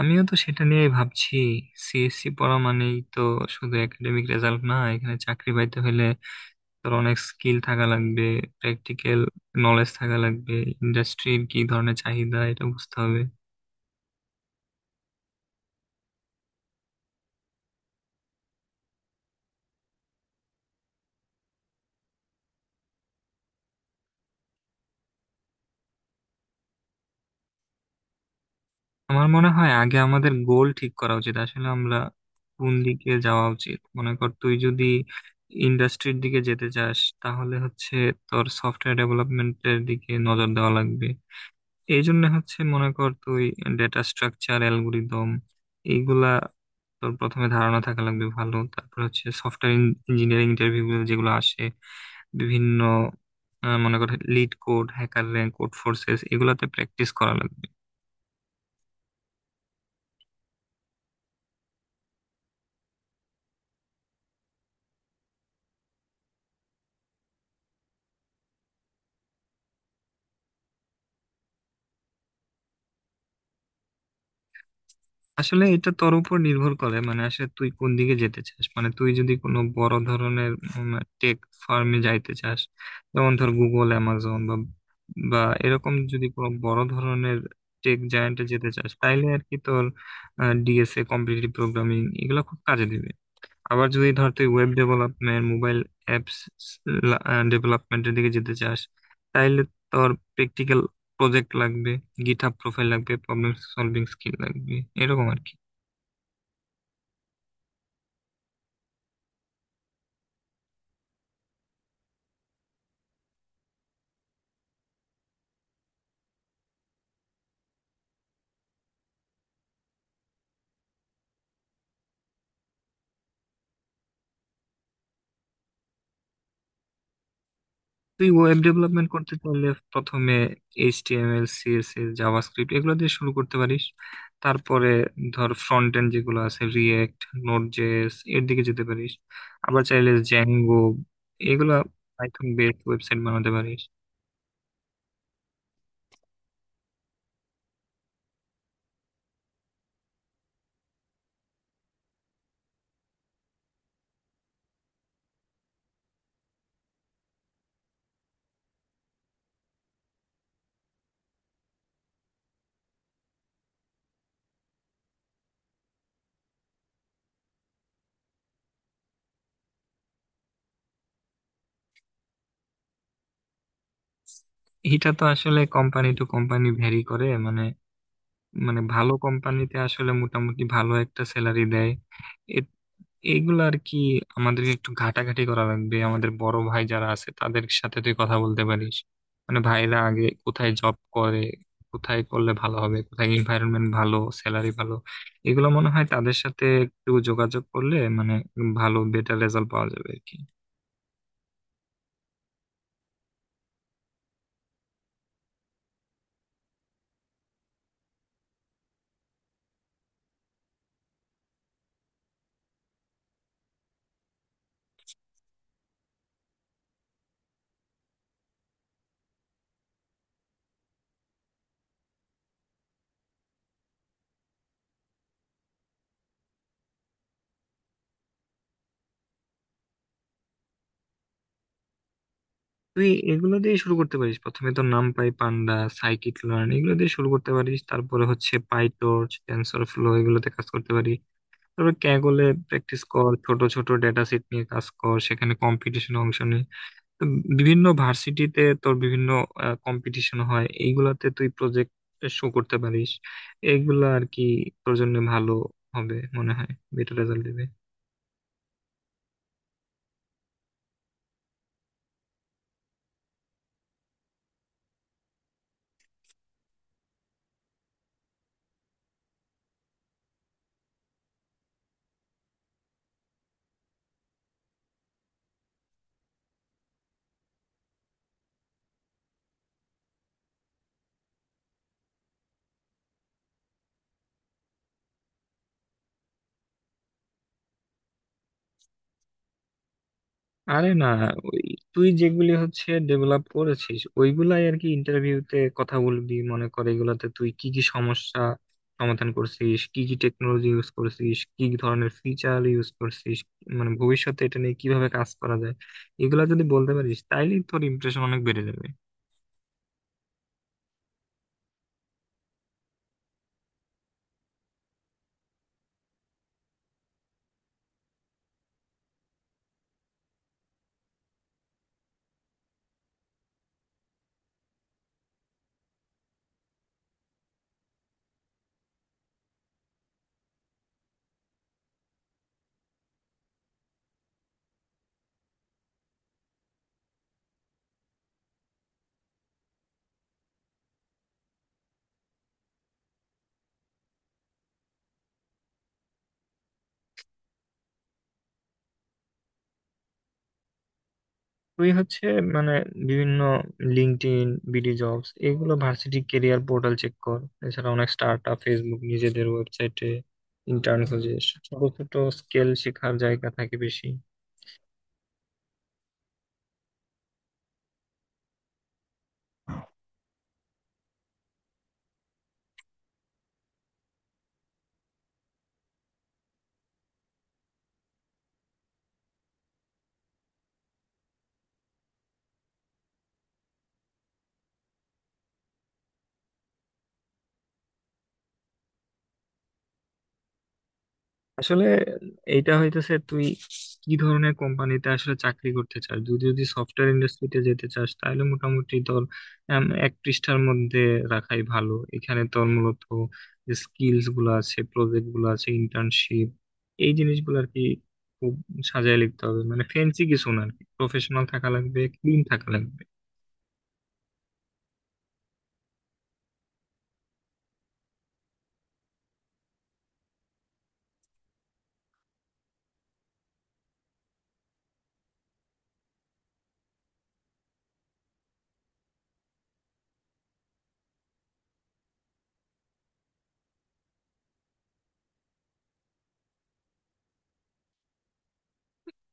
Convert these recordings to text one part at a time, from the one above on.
আমিও তো সেটা নিয়েই ভাবছি। সিএসসি পড়া মানেই তো শুধু একাডেমিক রেজাল্ট না, এখানে চাকরি পাইতে হলে তোর অনেক স্কিল থাকা লাগবে, প্র্যাকটিক্যাল নলেজ থাকা লাগবে, ইন্ডাস্ট্রির কি ধরনের চাহিদা এটা বুঝতে হবে। আমার মনে হয় আগে আমাদের গোল ঠিক করা উচিত, আসলে আমরা কোন দিকে যাওয়া উচিত। মনে কর তুই যদি ইন্ডাস্ট্রির দিকে যেতে চাস তাহলে হচ্ছে তোর সফটওয়্যার ডেভেলপমেন্টের দিকে নজর দেওয়া লাগবে। এই জন্য হচ্ছে মনে কর তুই ডেটা স্ট্রাকচার, অ্যালগোরিদম এইগুলা তোর প্রথমে ধারণা থাকা লাগবে ভালো। তারপর হচ্ছে সফটওয়্যার ইঞ্জিনিয়ারিং ইন্টারভিউ যেগুলো আসে বিভিন্ন, মনে কর LeetCode, HackerRank, Codeforces এগুলাতে প্র্যাকটিস করা লাগবে। আসলে এটা তোর উপর নির্ভর করে, মানে আসলে তুই কোন দিকে যেতে চাস। মানে তুই যদি কোনো বড় ধরনের টেক ফার্মে যাইতে চাস, যেমন ধর গুগল, অ্যামাজন বা বা এরকম যদি কোনো বড় ধরনের টেক জায়ান্টে যেতে চাস, তাইলে আর কি তোর ডিএসএ, কম্পিটিটিভ প্রোগ্রামিং এগুলো খুব কাজে দিবে। আবার যদি ধর তুই ওয়েব ডেভেলপমেন্ট, মোবাইল অ্যাপস ডেভেলপমেন্টের দিকে যেতে চাস, তাইলে তোর প্র্যাকটিক্যাল প্রজেক্ট লাগবে, গিটহাব প্রোফাইল লাগবে, প্রবলেম সলভিং স্কিল লাগবে, এরকম আর কি। তুই ওয়েব ডেভেলপমেন্ট করতে চাইলে প্রথমে এইচটিএমএল, সিএসএস, জাভাস্ক্রিপ্ট এগুলো দিয়ে শুরু করতে পারিস। তারপরে ধর ফ্রন্ট এন্ড যেগুলো আছে, রিয়েক্ট, নোড জেএস এর দিকে যেতে পারিস। আবার চাইলে জ্যাঙ্গো এগুলা পাইথন বেসড ওয়েবসাইট বানাতে পারিস। এটা তো আসলে কোম্পানি টু কোম্পানি ভ্যারি করে, মানে মানে ভালো কোম্পানিতে আসলে মোটামুটি ভালো একটা স্যালারি দেয় এইগুলো আর কি। আমাদের একটু ঘাটাঘাটি করা লাগবে, আমাদের বড় ভাই যারা আছে তাদের সাথে তুই কথা বলতে পারিস। মানে ভাইরা আগে কোথায় জব করে, কোথায় করলে ভালো হবে, কোথায় এনভায়রনমেন্ট ভালো, স্যালারি ভালো, এগুলো মনে হয় তাদের সাথে একটু যোগাযোগ করলে মানে ভালো বেটার রেজাল্ট পাওয়া যাবে আর কি। তুই এগুলো দিয়ে শুরু করতে পারিস, প্রথমে তো নামপাই, পান্ডা, সাইকিট লার্ন এগুলো দিয়ে শুরু করতে পারিস। তারপরে হচ্ছে পাইটর্চ, টেনসর ফ্লো এগুলোতে কাজ করতে পারিস। তবে ক্যাগলে প্র্যাকটিস কর, ছোট ছোট ডেটা সেট নিয়ে কাজ কর, সেখানে কম্পিটিশনে অংশ নে। তো বিভিন্ন ভার্সিটিতে তোর বিভিন্ন কম্পিটিশন হয়, এইগুলাতে তুই প্রজেক্ট শো করতে পারিস, এইগুলা আর কি তোর জন্য ভালো হবে মনে হয়, বেটার রেজাল্ট দিবে। আরে না, ওই তুই যেগুলি হচ্ছে ডেভেলপ করেছিস ওইগুলাই আর কি ইন্টারভিউতে কথা বলবি। মনে কর এগুলাতে তুই কি কি সমস্যা সমাধান করছিস, কি কি টেকনোলজি ইউজ করছিস, কি কি ধরনের ফিচার ইউজ করছিস, মানে ভবিষ্যতে এটা নিয়ে কিভাবে কাজ করা যায়, এগুলা যদি বলতে পারিস তাইলে তোর ইমপ্রেশন অনেক বেড়ে যাবে। তুই হচ্ছে মানে বিভিন্ন লিঙ্কডইন, বিডি জবস এগুলো, ভার্সিটি কেরিয়ার পোর্টাল চেক কর। এছাড়া অনেক স্টার্ট আপ, ফেসবুক নিজেদের ওয়েবসাইটে ইন্টার্ন খোঁজে, ছোট ছোট স্কেল, শেখার জায়গা থাকে বেশি। আসলে এইটা হইতেছে তুই কি ধরনের কোম্পানিতে আসলে চাকরি করতে চাস। তুই যদি সফটওয়্যার ইন্ডাস্ট্রিতে যেতে চাস তাহলে মোটামুটি তোর এক পৃষ্ঠার মধ্যে রাখাই ভালো। এখানে তোর মূলত যে স্কিলস গুলো আছে, প্রজেক্ট গুলো আছে, ইন্টার্নশিপ, এই জিনিসগুলো আর কি খুব সাজায় লিখতে হবে। মানে ফেন্সি কিছু না আর কি, প্রফেশনাল থাকা লাগবে, ক্লিন থাকা লাগবে।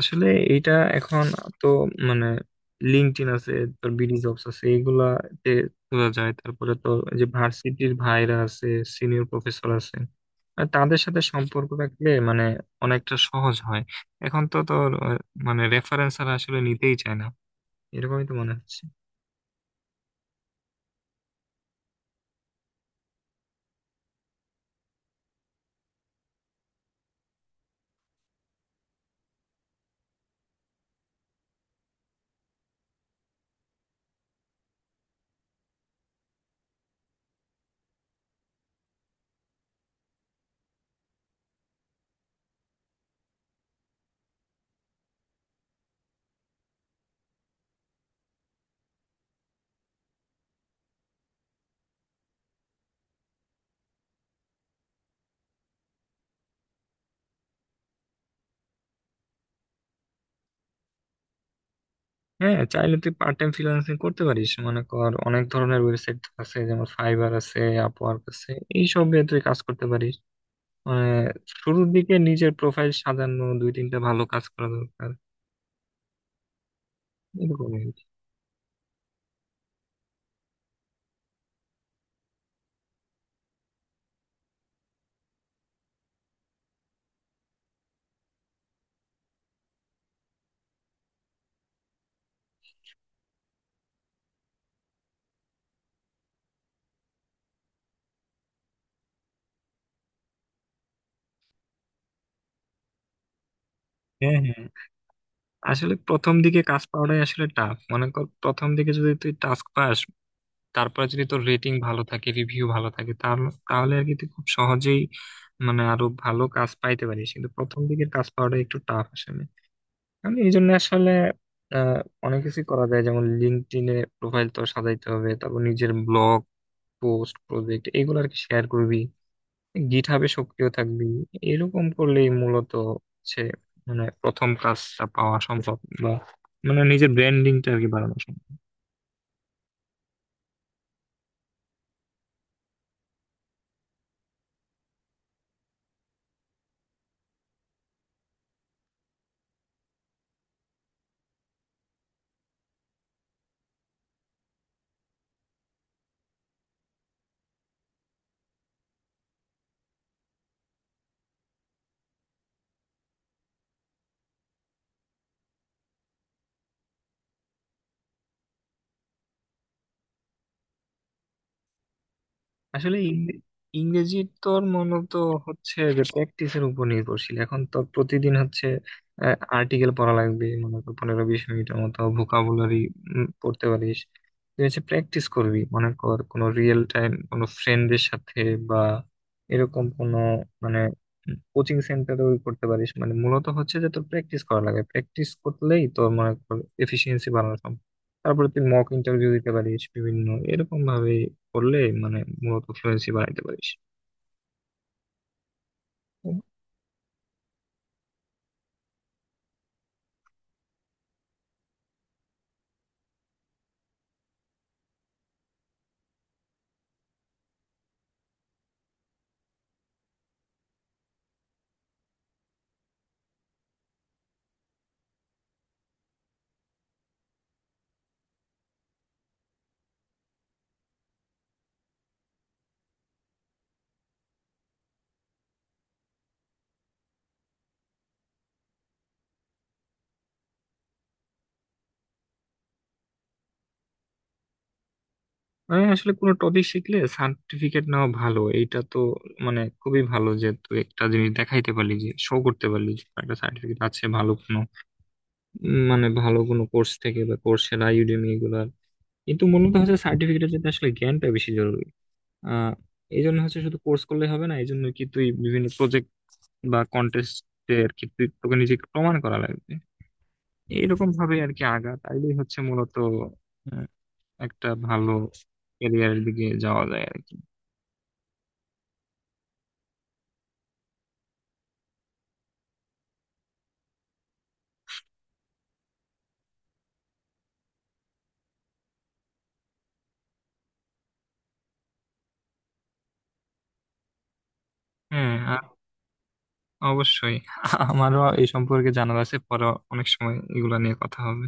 আসলে এইটা এখন তো মানে লিঙ্কডইন আছে, তোর বিডি জবস আছে, এগুলাতে খোঁজা যায়। তারপরে তো এই যে ভার্সিটির ভাইরা আছে, সিনিয়র প্রফেসর আছে, আর তাদের সাথে সম্পর্ক রাখলে মানে অনেকটা সহজ হয়। এখন তো তোর মানে রেফারেন্স আর আসলে নিতেই চায় না, এরকমই তো মনে হচ্ছে। হ্যাঁ, চাইলে তুই পার্ট টাইম ফ্রিল্যান্সিং করতে পারিস। মনে কর অনেক ধরনের ওয়েবসাইট আছে, যেমন ফাইবার আছে, আপওয়ার্ক আছে, এইসব তুই কাজ করতে পারিস। মানে শুরুর দিকে নিজের প্রোফাইল সাজানো, 2-3টা ভালো কাজ করা দরকার, এরকমই আর কি। হ্যাঁ, হ্যাঁ। আসলে প্রথম দিকে কাজ পাওয়াটাই আসলে টাফ। মনে কর প্রথম দিকে যদি তুই টাস্ক পাস, তারপরে যদি তোর রেটিং ভালো থাকে, রিভিউ ভালো থাকে, তাহলে তাহলে আর কি তুই খুব সহজেই মানে আরো ভালো কাজ পাইতে পারিস। কিন্তু প্রথম দিকের কাজ পাওয়াটা একটু টাফ আসলে। কারণ এই জন্য আসলে আহ অনেক কিছু করা যায়, যেমন লিঙ্কডইনে প্রোফাইল তো সাজাইতে হবে, তারপর নিজের ব্লগ পোস্ট, প্রজেক্ট এগুলো আর কি শেয়ার করবি, গিটহাবে সক্রিয় থাকবি। এরকম করলেই মূলত হচ্ছে মানে প্রথম কাজটা পাওয়া সম্ভব, বা মানে নিজের ব্র্যান্ডিংটা আর কি বাড়ানো সম্ভব। আসলে ইংরেজি তোর মূলত হচ্ছে যে প্র্যাকটিসের উপর নির্ভরশীল। এখন তো প্রতিদিন হচ্ছে আর্টিকেল পড়া লাগবে, মনে কর 15-20 মিনিটের মতো ভোকাবুলারি পড়তে পারিস। তুই হচ্ছে প্র্যাকটিস করবি, মনে কর কোনো রিয়েল টাইম কোনো ফ্রেন্ডের সাথে বা এরকম কোনো মানে কোচিং সেন্টারেও করতে পারিস। মানে মূলত হচ্ছে যে তোর প্র্যাকটিস করা লাগে, প্র্যাকটিস করলেই তোর মনে কর এফিসিয়েন্সি বাড়ানো সম্ভব। তারপরে তুই মক ইন্টারভিউ দিতে পারিস বিভিন্ন, এরকম ভাবে করলে মানে মূলত ফ্লুয়েন্সি বানাইতে পারিস। মানে আসলে কোনো টপিক শিখলে সার্টিফিকেট নেওয়া ভালো, এইটা তো মানে খুবই ভালো যে তুই একটা জিনিস দেখাইতে পারলি, যে শো করতে পারলি যে তোর একটা সার্টিফিকেট আছে ভালো কোনো মানে ভালো কোনো কোর্স থেকে, বা কোর্সেরা, ইউডেমি এগুলার। কিন্তু মূলত হচ্ছে সার্টিফিকেটের জন্য আসলে জ্ঞানটা বেশি জরুরি। আহ এই জন্য হচ্ছে শুধু কোর্স করলে হবে না, এই জন্য কি তুই বিভিন্ন প্রজেক্ট বা কন্টেস্টে আর কি তুই তোকে নিজেকে প্রমাণ করা লাগবে। এইরকম ভাবে আর কি আগা, তাইলেই হচ্ছে মূলত একটা ভালো ক্যারিয়ারের দিকে যাওয়া যায় আর কি। হ্যাঁ, আর অবশ্যই আমারও এই সম্পর্কে জানার আছে। পরে অনেক সময় এগুলা নিয়ে কথা হবে।